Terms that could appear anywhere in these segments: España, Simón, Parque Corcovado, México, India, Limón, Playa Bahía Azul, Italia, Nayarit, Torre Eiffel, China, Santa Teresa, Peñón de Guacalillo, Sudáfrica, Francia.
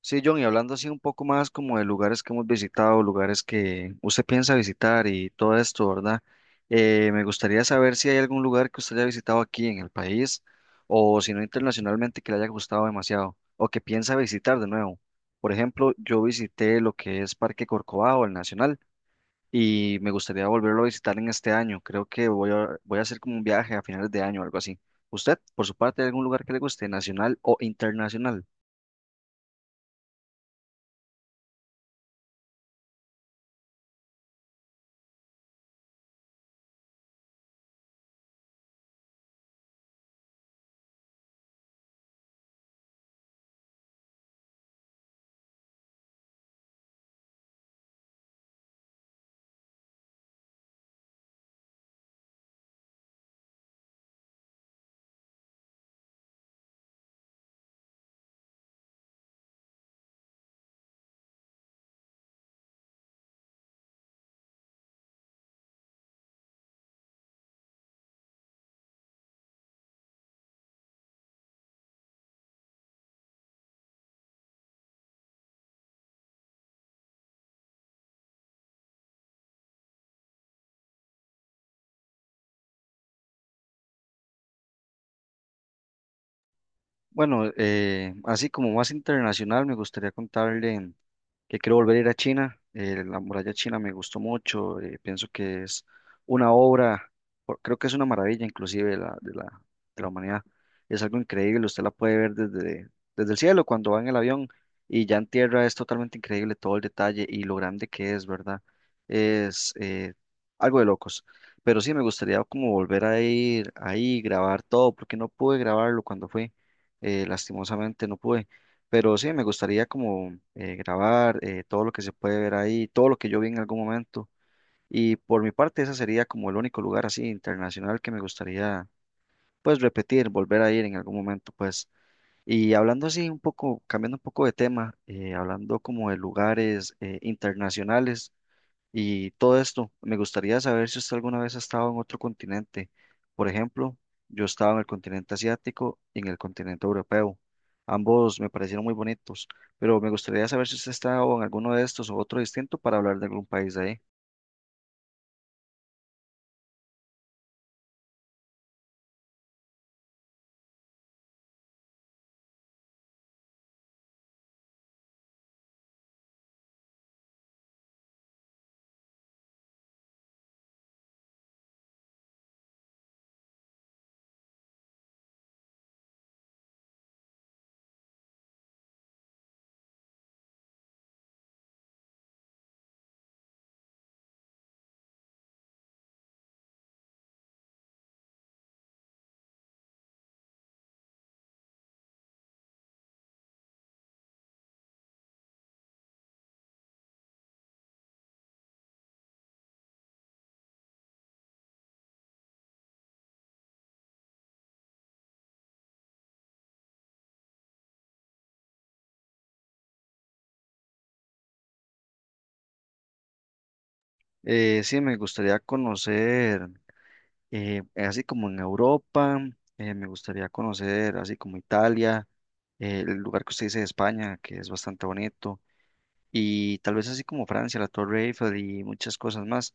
Sí, John, y hablando así un poco más como de lugares que hemos visitado, lugares que usted piensa visitar y todo esto, ¿verdad? Me gustaría saber si hay algún lugar que usted haya visitado aquí en el país o si no internacionalmente que le haya gustado demasiado o que piensa visitar de nuevo. Por ejemplo, yo visité lo que es Parque Corcovado, el Nacional, y me gustaría volverlo a visitar en este año. Creo que voy a hacer como un viaje a finales de año o algo así. ¿Usted, por su parte, hay algún lugar que le guste, nacional o internacional? Bueno, así como más internacional, me gustaría contarle que quiero volver a ir a China. La muralla china me gustó mucho. Pienso que es una obra, creo que es una maravilla inclusive de la humanidad. Es algo increíble. Usted la puede ver desde el cielo cuando va en el avión y ya en tierra es totalmente increíble todo el detalle y lo grande que es, ¿verdad? Es algo de locos. Pero sí, me gustaría como volver a ir ahí, grabar todo, porque no pude grabarlo cuando fui, lastimosamente no pude, pero sí, me gustaría como grabar todo lo que se puede ver ahí, todo lo que yo vi en algún momento. Y por mi parte, ese sería como el único lugar así internacional que me gustaría pues repetir, volver a ir en algún momento pues. Y hablando así un poco, cambiando un poco de tema, hablando como de lugares internacionales. Y todo esto, me gustaría saber si usted alguna vez ha estado en otro continente. Por ejemplo, yo estaba en el continente asiático y en el continente europeo. Ambos me parecieron muy bonitos, pero me gustaría saber si usted ha estado en alguno de estos o otro distinto para hablar de algún país de ahí. Sí, me gustaría conocer, así como en Europa, me gustaría conocer, así como Italia, el lugar que usted dice de España, que es bastante bonito. Y tal vez así como Francia, la Torre Eiffel y muchas cosas más.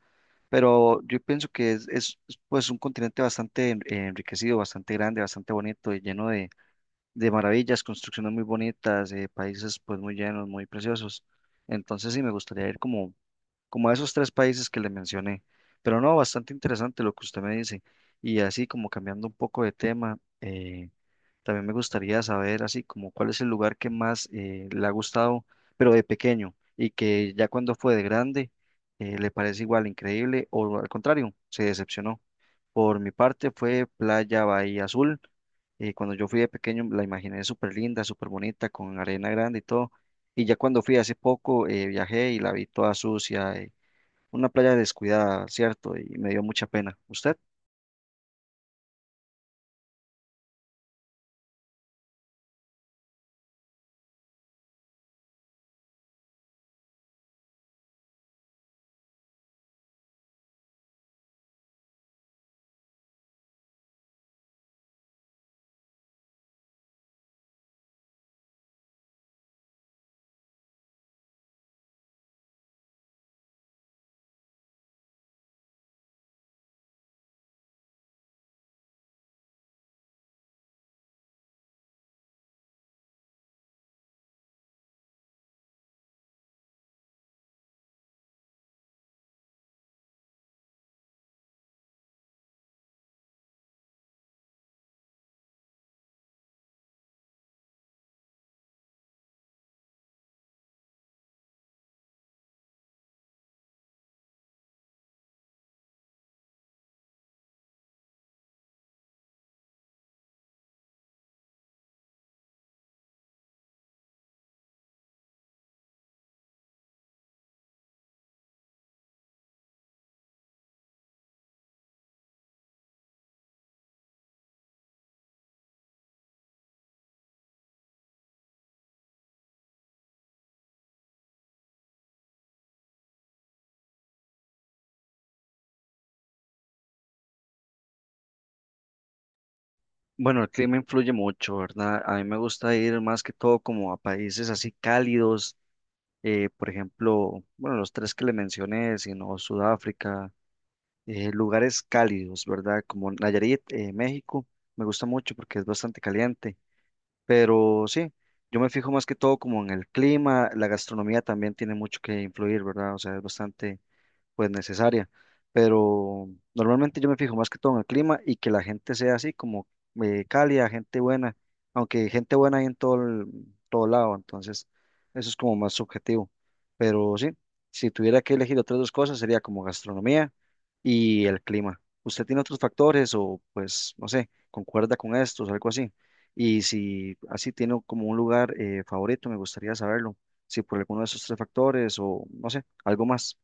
Pero yo pienso que pues un continente bastante enriquecido, bastante grande, bastante bonito y lleno de maravillas, construcciones muy bonitas, países pues muy llenos, muy preciosos. Entonces sí me gustaría ir como a esos tres países que le mencioné. Pero no, bastante interesante lo que usted me dice. Y así como cambiando un poco de tema. Eh, también me gustaría saber así como cuál es el lugar que más le ha gustado, pero de pequeño, y que ya cuando fue de grande le parece igual increíble o al contrario, se decepcionó. Por mi parte fue Playa Bahía Azul. Eh, cuando yo fui de pequeño la imaginé súper linda, súper bonita, con arena grande y todo. Y ya cuando fui hace poco viajé y la vi toda sucia, una playa descuidada, ¿cierto? Y me dio mucha pena. ¿Usted? Bueno, el clima influye mucho, ¿verdad? A mí me gusta ir más que todo como a países así cálidos, por ejemplo, bueno, los tres que le mencioné, sino Sudáfrica, lugares cálidos, ¿verdad? Como Nayarit, México, me gusta mucho porque es bastante caliente, pero sí, yo me fijo más que todo como en el clima, la gastronomía también tiene mucho que influir, ¿verdad? O sea, es bastante pues necesaria. Pero normalmente yo me fijo más que todo en el clima y que la gente sea así como cálida, gente buena, aunque gente buena hay en todo, todo lado, entonces eso es como más subjetivo. Pero sí, si tuviera que elegir otras dos cosas sería como gastronomía y el clima. ¿Usted tiene otros factores o pues no sé, concuerda con estos, algo así? Y si así tiene como un lugar favorito, me gustaría saberlo. Si por alguno de esos tres factores o no sé, algo más.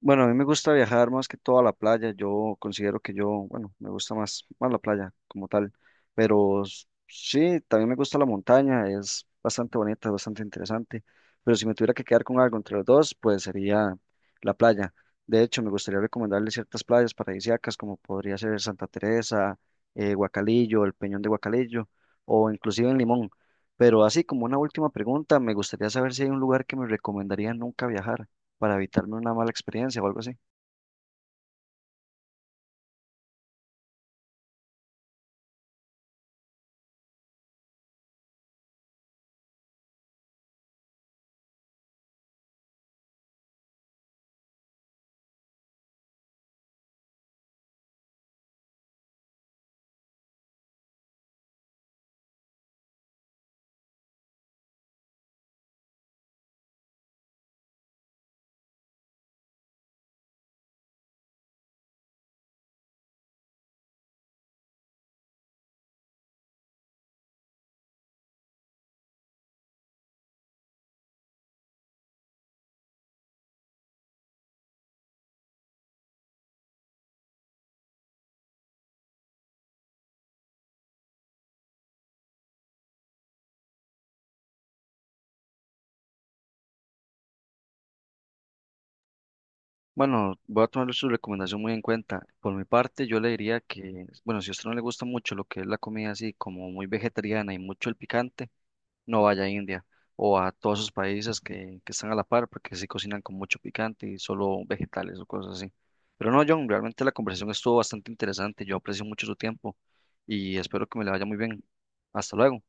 Bueno, a mí me gusta viajar más que todo a la playa. Yo considero que yo, bueno, me gusta más la playa como tal. Pero sí, también me gusta la montaña. Es bastante bonita, es bastante interesante. Pero si me tuviera que quedar con algo entre los dos, pues sería la playa. De hecho, me gustaría recomendarle ciertas playas paradisíacas como podría ser Santa Teresa, Guacalillo, el Peñón de Guacalillo o inclusive en Limón. Pero así como una última pregunta, me gustaría saber si hay un lugar que me recomendaría nunca viajar para evitarme una mala experiencia o algo así. Bueno, voy a tomar su recomendación muy en cuenta. Por mi parte, yo le diría que, bueno, si a usted no le gusta mucho lo que es la comida así como muy vegetariana y mucho el picante, no vaya a India o a todos esos países que están a la par porque sí cocinan con mucho picante y solo vegetales o cosas así. Pero no, John, realmente la conversación estuvo bastante interesante. Yo aprecio mucho su tiempo y espero que me le vaya muy bien. Hasta luego.